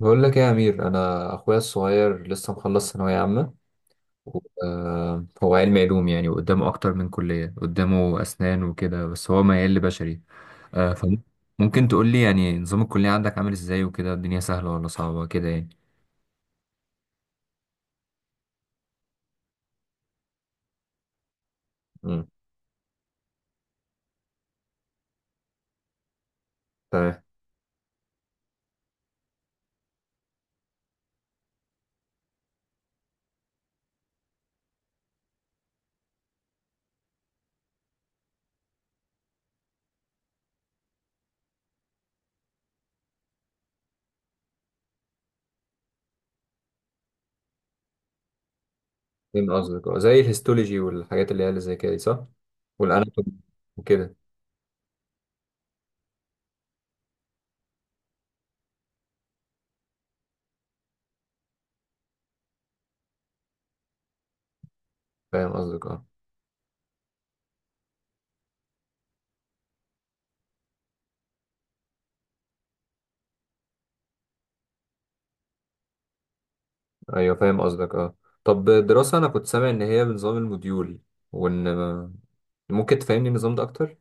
بقول لك ايه يا امير، انا اخويا الصغير لسه مخلص ثانويه عامه. و- هو علمي علوم يعني، وقدامه اكتر من كليه، قدامه اسنان وكده، بس هو ميال لبشري. فممكن تقول لي يعني نظام الكليه عندك عامل ازاي وكده؟ الدنيا سهله ولا صعبه كده يعني؟ امم. تمام. فاهم قصدك اه، زي الهيستولوجي والحاجات اللي هي اللي زي كده دي، صح. والاناتومي وكده. فاهم قصدك اه. ايوه فاهم قصدك اه. طب الدراسه، انا كنت سامع ان هي بنظام الموديول، وان ممكن تفهمني النظام ده اكتر؟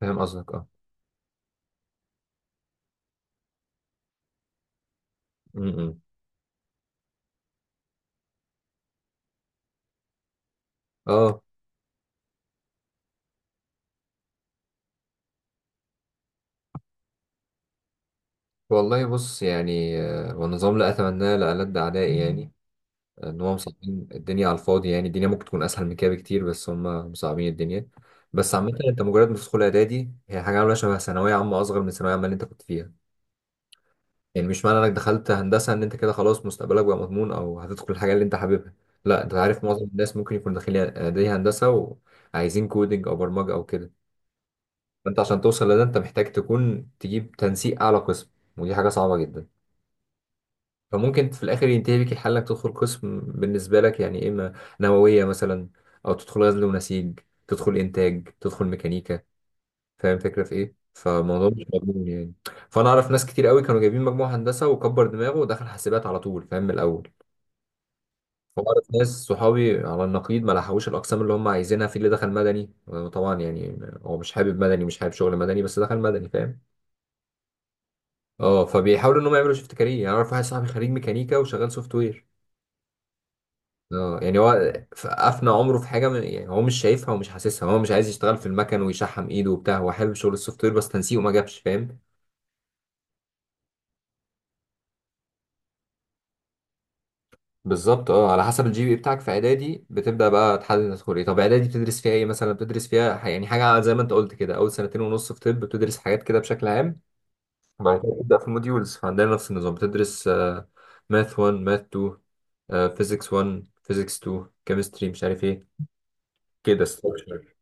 فاهم قصدك اه. م-م. اه. والله بص يعني، والنظام لا اتمناه لألد اعدائي يعني. ان هم مصعبين الدنيا على الفاضي، يعني الدنيا ممكن تكون اسهل من كده بكتير، بس هم مصعبين الدنيا. بس عامة انت مجرد ما تدخل اعدادي، هي حاجة عاملة شبه ثانوية عامة، اصغر من الثانوية عامة اللي انت كنت فيها. يعني مش معنى انك دخلت هندسة ان انت كده خلاص مستقبلك بقى مضمون او هتدخل الحاجة اللي انت حاببها. لا، انت عارف معظم الناس ممكن يكون داخلين اعدادي هندسة، وعايزين كودينج او برمجة او كده. انت عشان توصل لده انت محتاج تكون تجيب تنسيق اعلى قسم، ودي حاجه صعبه جدا. فممكن في الاخر ينتهي بيك الحل انك تدخل قسم بالنسبه لك يعني، اما نوويه مثلا، او تدخل غزل ونسيج، تدخل انتاج، تدخل ميكانيكا. فاهم الفكره في ايه؟ فالموضوع مش مضمون يعني. فانا اعرف ناس كتير قوي كانوا جايبين مجموع هندسه وكبر دماغه ودخل حاسبات على طول، فاهم من الاول. واعرف ناس صحابي على النقيض ما لحقوش الاقسام اللي هم عايزينها، في اللي دخل مدني، وطبعا يعني هو مش حابب مدني، مش حابب شغل مدني، بس دخل مدني، فاهم؟ اه، فبيحاولوا ان هم يعملوا شيفت كارير يعني. اعرف واحد صاحبي خريج ميكانيكا وشغال سوفت وير. اه يعني هو افنى عمره في حاجه من يعني هو مش شايفها ومش حاسسها، هو مش عايز يشتغل في المكن ويشحم ايده وبتاع، هو حابب شغل السوفت وير بس تنسيقه ما جابش، فاهم؟ بالظبط اه، على حسب الجي بي بتاعك في اعدادي، بتبدا بقى تحدد تدخل ايه. طب اعدادي بتدرس فيها ايه مثلا؟ بتدرس فيها يعني حاجه زي ما انت قلت كده، اول سنتين ونص في طب بتدرس حاجات كده بشكل عام، وبعد كده بتبدا في الموديولز. فعندنا نفس النظام، بتدرس ماث 1 ماث 2، فيزيكس 1 فيزيكس 2، كيمستري مش عارف ايه، كده ستراكشر،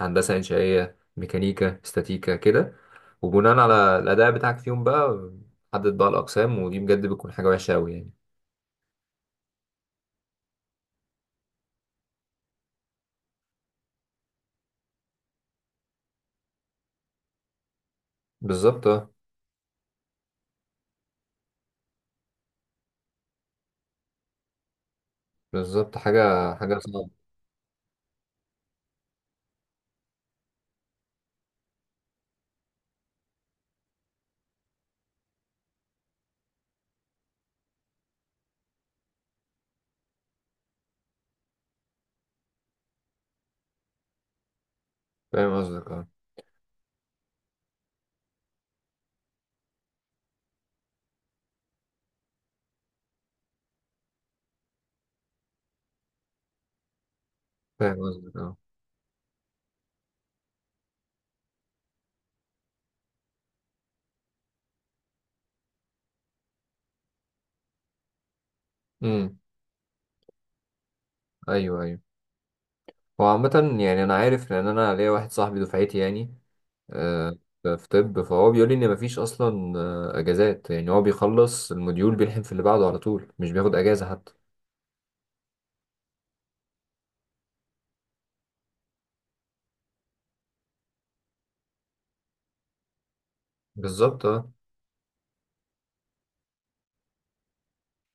هندسه انشائيه، ميكانيكا، استاتيكا كده. وبناء على الاداء بتاعك فيهم بقى، حدد بقى الاقسام. ودي بجد بتكون حاجه وحشه قوي يعني. بالظبط اه، بالظبط. حاجه صعبه. فاهم قصدك اه. فاهم قصدك اه. امم. ايوه ايوه. هو عامه يعني انا عارف، لان انا ليا واحد صاحبي دفعتي يعني، آه، في طب، فهو بيقول لي ان مفيش اصلا اجازات، يعني هو بيخلص الموديول بيلحم في اللي بعده على طول، مش بياخد اجازه حتى. بالظبط اه.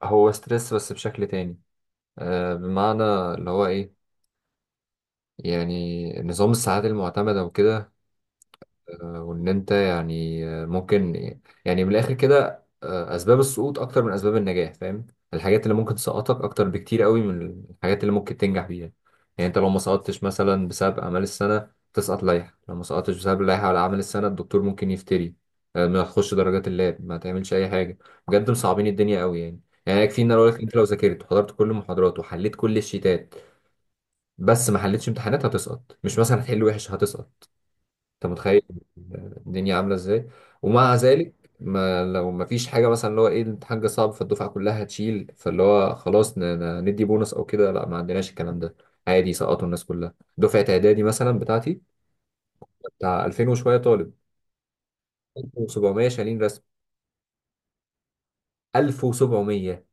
هو ستريس بس بشكل تاني، بمعنى اللي هو ايه، يعني نظام الساعات المعتمدة وكده، وان انت يعني ممكن، يعني من الاخر كده، اسباب السقوط اكتر من اسباب النجاح، فاهم؟ الحاجات اللي ممكن تسقطك اكتر بكتير قوي من الحاجات اللي ممكن تنجح بيها. يعني انت لو ما سقطتش مثلا بسبب اعمال السنة، تسقط لائحة. لو ما سقطتش بسبب اللائحة على اعمال السنة، الدكتور ممكن يفتري، ما تخش درجات اللاب، ما تعملش اي حاجة. بجد مصعبين الدنيا قوي يعني. يعني يكفي ان انا اقول لك، انت لو ذاكرت وحضرت كل المحاضرات وحليت كل الشيتات، بس ما حلتش امتحانات هتسقط. مش مثلا هتحل وحش، هتسقط. انت متخيل الدنيا عامله ازاي؟ ومع ذلك، ما لو ما فيش حاجه مثلا، اللي هو ايه، الامتحان جه صعب فالدفعه كلها هتشيل، فاللي هو خلاص ندي بونص او كده، لا، ما عندناش الكلام ده. عادي سقطوا الناس كلها. دفعه اعدادي مثلا بتاعتي، بتاع 2000 وشويه طالب، 1700 شايلين رسم. 1700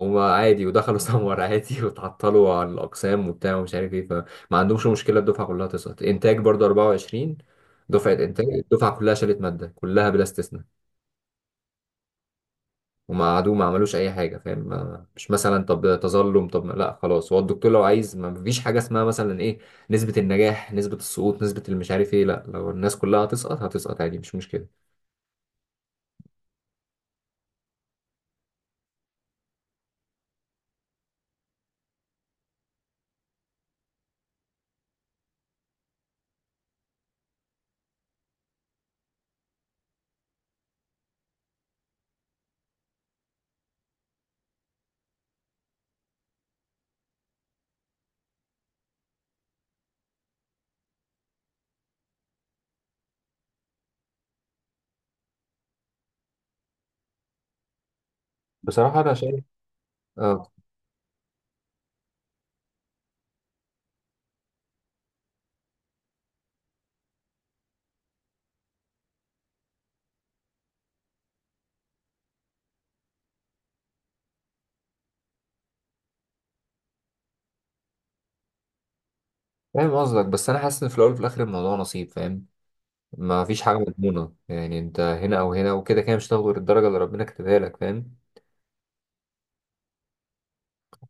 هما عادي، ودخلوا سمر عادي، وتعطلوا عن الأقسام وبتاع ومش عارف ايه، فما عندهمش مشكلة الدفعة كلها تسقط. إنتاج برضه 24، دفعة إنتاج الدفعة كلها شالت مادة كلها بلا استثناء. هما قعدوا ما عملوش أي حاجة، فاهم؟ مش مثلا طب تظلم، طب لا خلاص، هو الدكتور لو عايز ما فيش حاجة اسمها مثلا ايه، نسبة النجاح، نسبة السقوط، نسبة المش عارف ايه. لا، لو الناس كلها هتسقط هتسقط عادي، مش مشكلة. بصراحة أنا شايف. اه فاهم قصدك، بس أنا حاسس إن في الأول وفي الآخر الموضوع نصيب، فاهم؟ ما فيش حاجة مضمونة، يعني انت هنا او هنا وكده كده مش هتاخد غير الدرجة اللي ربنا كاتبها لك، فاهم؟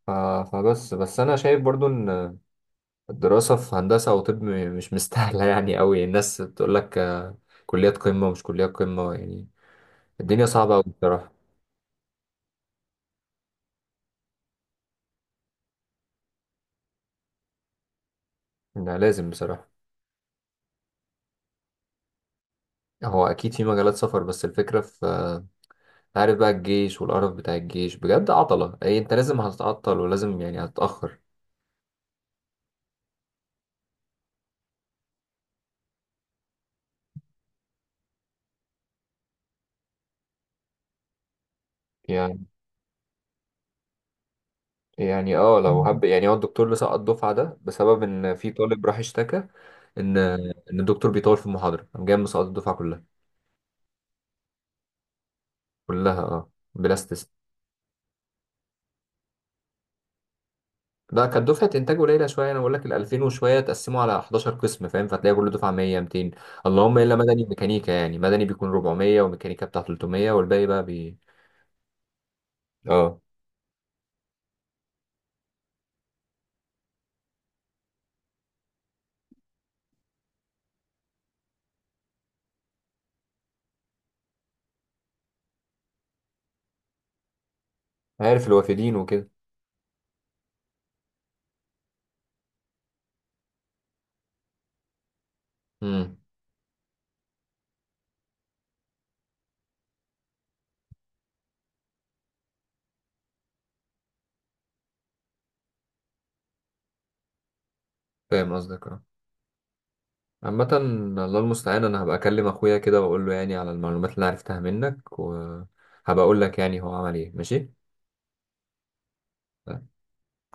ف- فبس انا شايف برضو ان الدراسة في هندسة او طب مش مستاهلة يعني قوي. الناس بتقول لك كليات قمة ومش كليات قمة، يعني الدنيا صعبة قوي بصراحة. لا لازم بصراحة. هو اكيد في مجالات سفر، بس الفكرة في عارف بقى، الجيش والقرف بتاع الجيش بجد عطلة. اي انت لازم هتتعطل ولازم يعني هتتأخر. يعني يعني اه، لو هب يعني هو الدكتور اللي سقط الدفعه ده بسبب ان في طالب راح اشتكى ان الدكتور بيطول في المحاضره، قام جاي مسقط الدفعه كلها. كلها اه بلا استثناء. لا كانت دفعه انتاج قليله شويه. انا بقول لك ال 2000 وشويه تقسموا على 11 قسم، فاهم؟ فتلاقي كل دفعه 100 200، اللهم الا مدني وميكانيكا. يعني مدني بيكون 400 وميكانيكا بتاع 300 والباقي بقى اه، عارف الوافدين وكده. امم. فاهم قصدك آه. عامة الله المستعان، انا هبقى اكلم اخويا كده واقول له يعني على المعلومات اللي أنا عرفتها منك، وهبقى اقول لك يعني هو عمل ايه. ماشي.